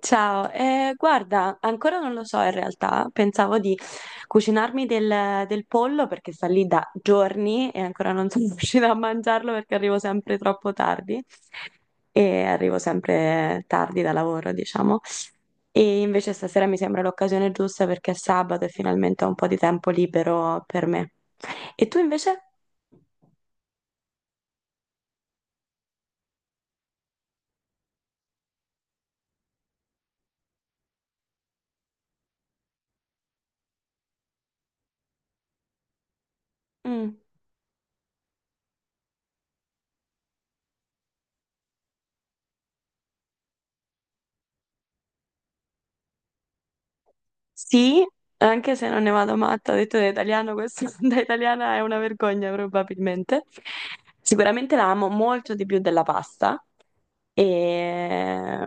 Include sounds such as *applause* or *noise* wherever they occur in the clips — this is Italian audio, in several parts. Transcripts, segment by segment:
Ciao, guarda, ancora non lo so in realtà, pensavo di cucinarmi del pollo perché sta lì da giorni e ancora non sono *laughs* riuscita a mangiarlo perché arrivo sempre troppo tardi e arrivo sempre tardi da lavoro, diciamo. E invece stasera mi sembra l'occasione giusta perché è sabato e finalmente ho un po' di tempo libero per me. E tu invece? Mm. Sì, anche se non ne vado matta, ho detto da italiano, questo *laughs* da italiana è una vergogna probabilmente. Sicuramente la amo molto di più della pasta, e-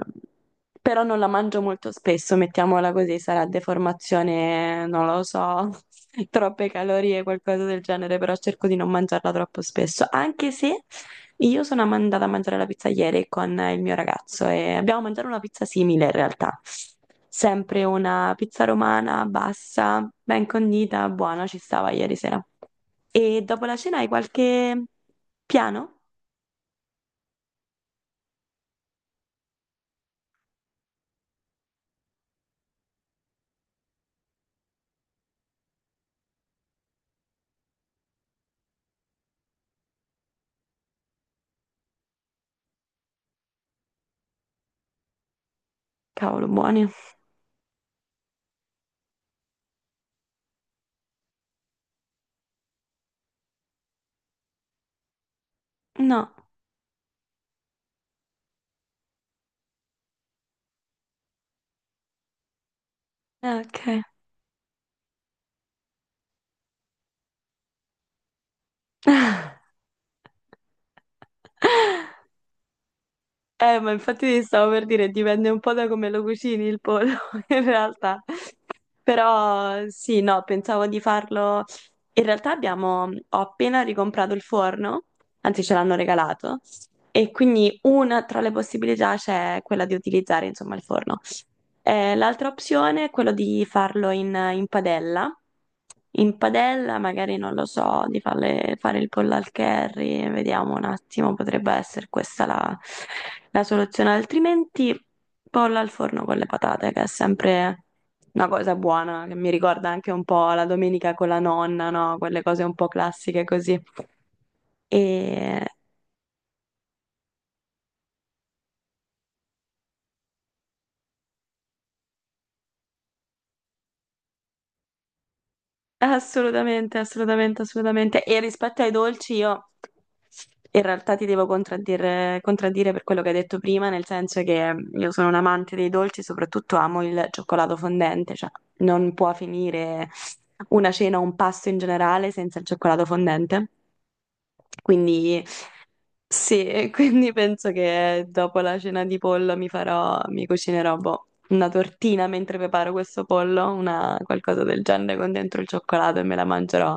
però non la mangio molto spesso, mettiamola così, sarà deformazione, non lo so, *laughs* troppe calorie, qualcosa del genere, però cerco di non mangiarla troppo spesso, anche se io sono andata a mangiare la pizza ieri con il mio ragazzo e abbiamo mangiato una pizza simile in realtà, sempre una pizza romana bassa, ben condita, buona, ci stava ieri sera. E dopo la cena hai qualche piano? Cavolo, buoni. No. Ok. *laughs* Ma infatti ti stavo per dire, dipende un po' da come lo cucini il pollo, *laughs* in realtà. Però sì, no, pensavo di farlo. In realtà abbiamo, ho appena ricomprato il forno, anzi ce l'hanno regalato, e quindi una tra le possibilità c'è quella di utilizzare, insomma, il forno. L'altra opzione è quello di farlo in padella. In padella, magari non lo so, di fare il pollo al curry, vediamo un attimo, potrebbe essere questa la, la soluzione. Altrimenti, pollo al forno con le patate, che è sempre una cosa buona, che mi ricorda anche un po' la domenica con la nonna, no? Quelle cose un po' classiche così. E assolutamente, assolutamente, assolutamente. E rispetto ai dolci, io in realtà ti devo contraddire per quello che hai detto prima, nel senso che io sono un amante dei dolci, soprattutto amo il cioccolato fondente, cioè non può finire una cena o un pasto in generale senza il cioccolato fondente. Quindi sì, e quindi penso che dopo la cena di pollo mi farò, mi cucinerò boh, una tortina mentre preparo questo pollo, una, qualcosa del genere con dentro il cioccolato e me la mangerò.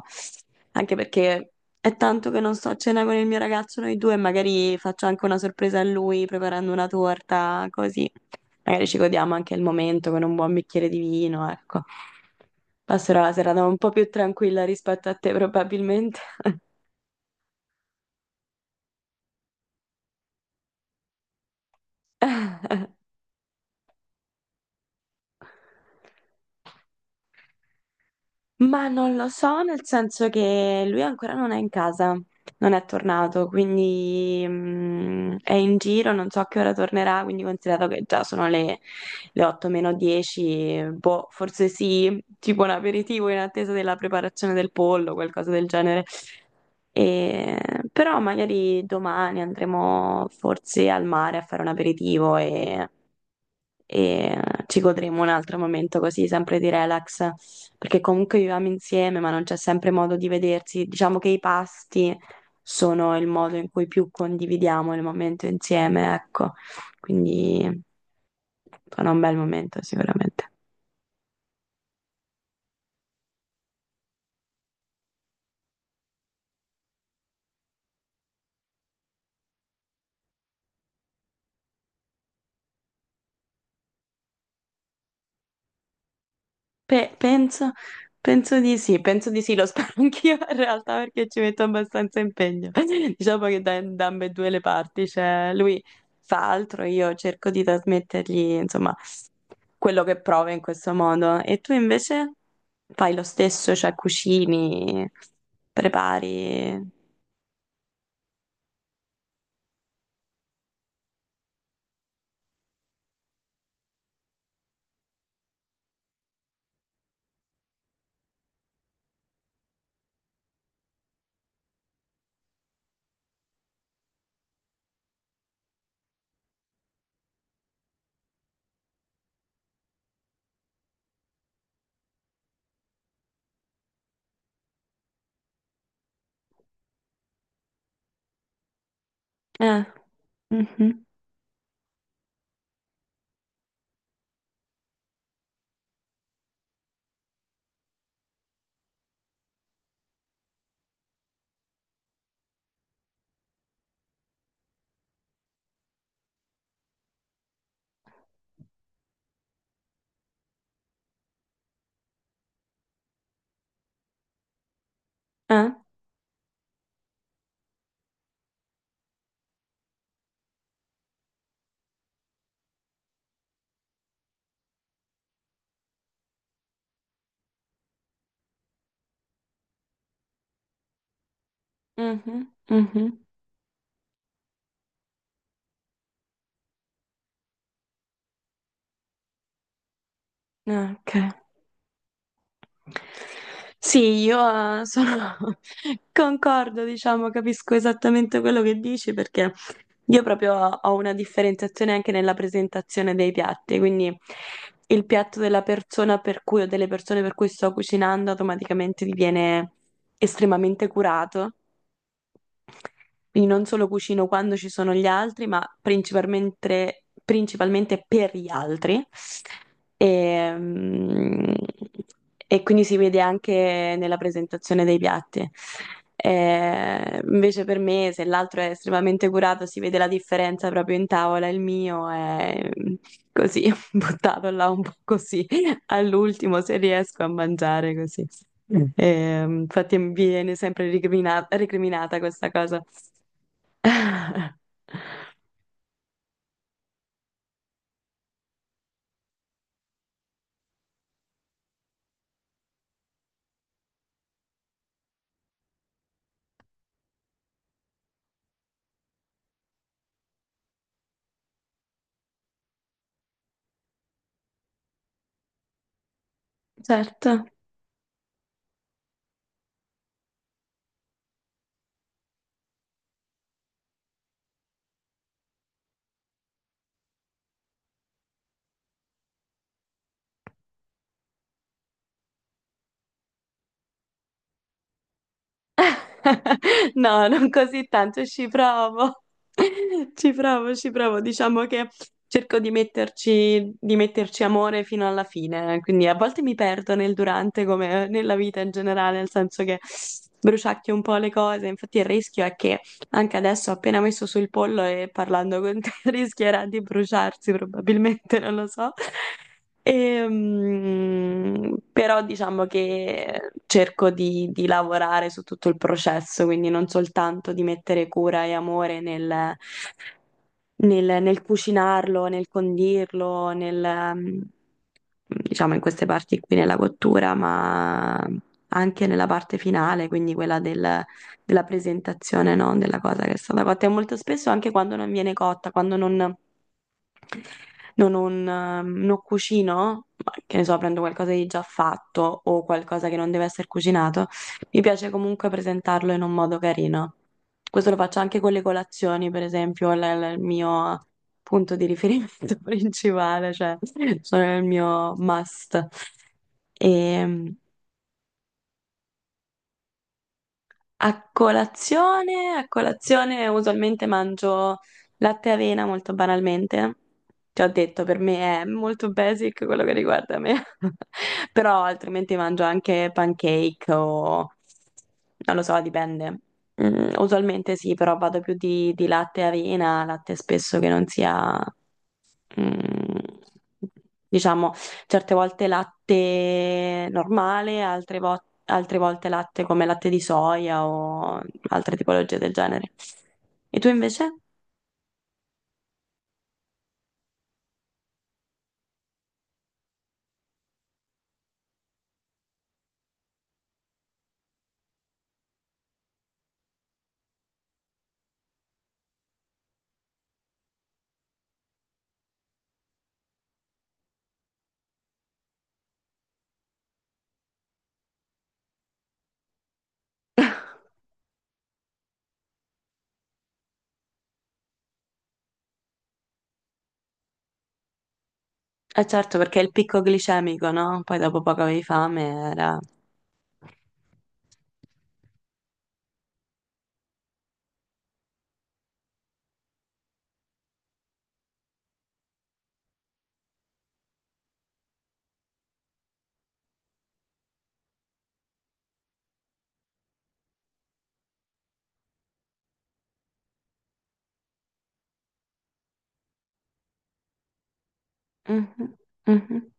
Anche perché è tanto che non sto a cena con il mio ragazzo, noi due, magari faccio anche una sorpresa a lui preparando una torta, così. Magari ci godiamo anche il momento con un buon bicchiere di vino, ecco. Passerò la serata un po' più tranquilla rispetto a te, probabilmente. *laughs* Ma non lo so, nel senso che lui ancora non è in casa, non è tornato, quindi è in giro, non so a che ora tornerà, quindi considerato che già sono le 8 meno 10, boh, forse sì, tipo un aperitivo in attesa della preparazione del pollo, qualcosa del genere. E- però magari domani andremo forse al mare a fare un aperitivo e ci godremo un altro momento così, sempre di relax, perché comunque viviamo insieme, ma non c'è sempre modo di vedersi. Diciamo che i pasti sono il modo in cui più condividiamo il momento insieme, ecco. Quindi sarà un bel momento sicuramente. Penso, penso di sì, lo spero *laughs* anch'io in realtà perché ci metto abbastanza impegno. *laughs* Diciamo che da ambedue le parti, cioè lui fa altro, io cerco di trasmettergli, insomma, quello che prova in questo modo. E tu invece fai lo stesso, cioè cucini, prepari. Eh, mhm, eh, mhm, mhm, ok. Sì, io sono... *laughs* concordo, diciamo, capisco esattamente quello che dici perché io proprio ho una differenziazione anche nella presentazione dei piatti, quindi il piatto della persona per cui o delle persone per cui sto cucinando automaticamente diviene estremamente curato, quindi non solo cucino quando ci sono gli altri, ma principalmente, principalmente per gli altri. E, mm, e quindi si vede anche nella presentazione dei piatti. Invece per me, se l'altro è estremamente curato, si vede la differenza proprio in tavola. Il mio è così, *laughs* buttato là un po' così all'ultimo se riesco a mangiare così. Mm. Infatti mi viene sempre recriminata questa cosa. *laughs* Certo. *laughs* No, non così tanto, ci provo. *laughs* Ci provo, ci provo. Diciamo che cerco di metterci amore fino alla fine, quindi a volte mi perdo nel durante come nella vita in generale, nel senso che bruciacchio un po' le cose. Infatti il rischio è che anche adesso, appena messo sul pollo e parlando con te, *laughs* rischierà di bruciarsi probabilmente, non lo so. Però diciamo che cerco di lavorare su tutto il processo, quindi non soltanto di mettere cura e amore nel, nel cucinarlo, nel condirlo, diciamo in queste parti qui nella cottura, ma anche nella parte finale, quindi quella della presentazione, no? Della cosa che è stata cotta. E molto spesso anche quando non viene cotta, quando non cucino, ma che ne so, prendo qualcosa di già fatto o qualcosa che non deve essere cucinato, mi piace comunque presentarlo in un modo carino. Questo lo faccio anche con le colazioni, per esempio, è il mio punto di riferimento *laughs* principale, cioè sono il mio must. E, a colazione, a colazione usualmente mangio latte e avena molto banalmente. Ti ho detto, per me è molto basic quello che riguarda me. *laughs* Però altrimenti mangio anche pancake o... non lo so, dipende. Mm, usualmente sì, però vado più di latte e avena, latte spesso che non sia... mm, diciamo, certe volte latte normale, altre volte, altre volte latte come latte di soia o altre tipologie del genere. E tu invece? Eh certo, perché il picco glicemico, no? Poi dopo poco avevi fame, era... Mhm, mhm.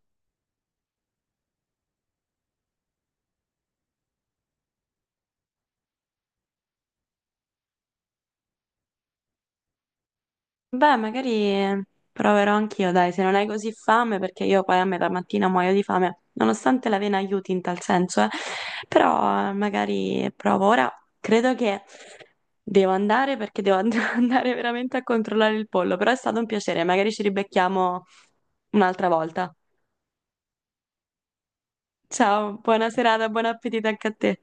Beh, magari proverò anch'io, dai, se non hai così fame, perché io poi a metà mattina muoio di fame, nonostante l'avena aiuti in tal senso, eh. Però magari provo. Ora credo che devo andare perché devo *laughs* andare veramente a controllare il pollo, però è stato un piacere, magari ci ribecchiamo un'altra volta. Ciao, buona serata, buon appetito anche a te.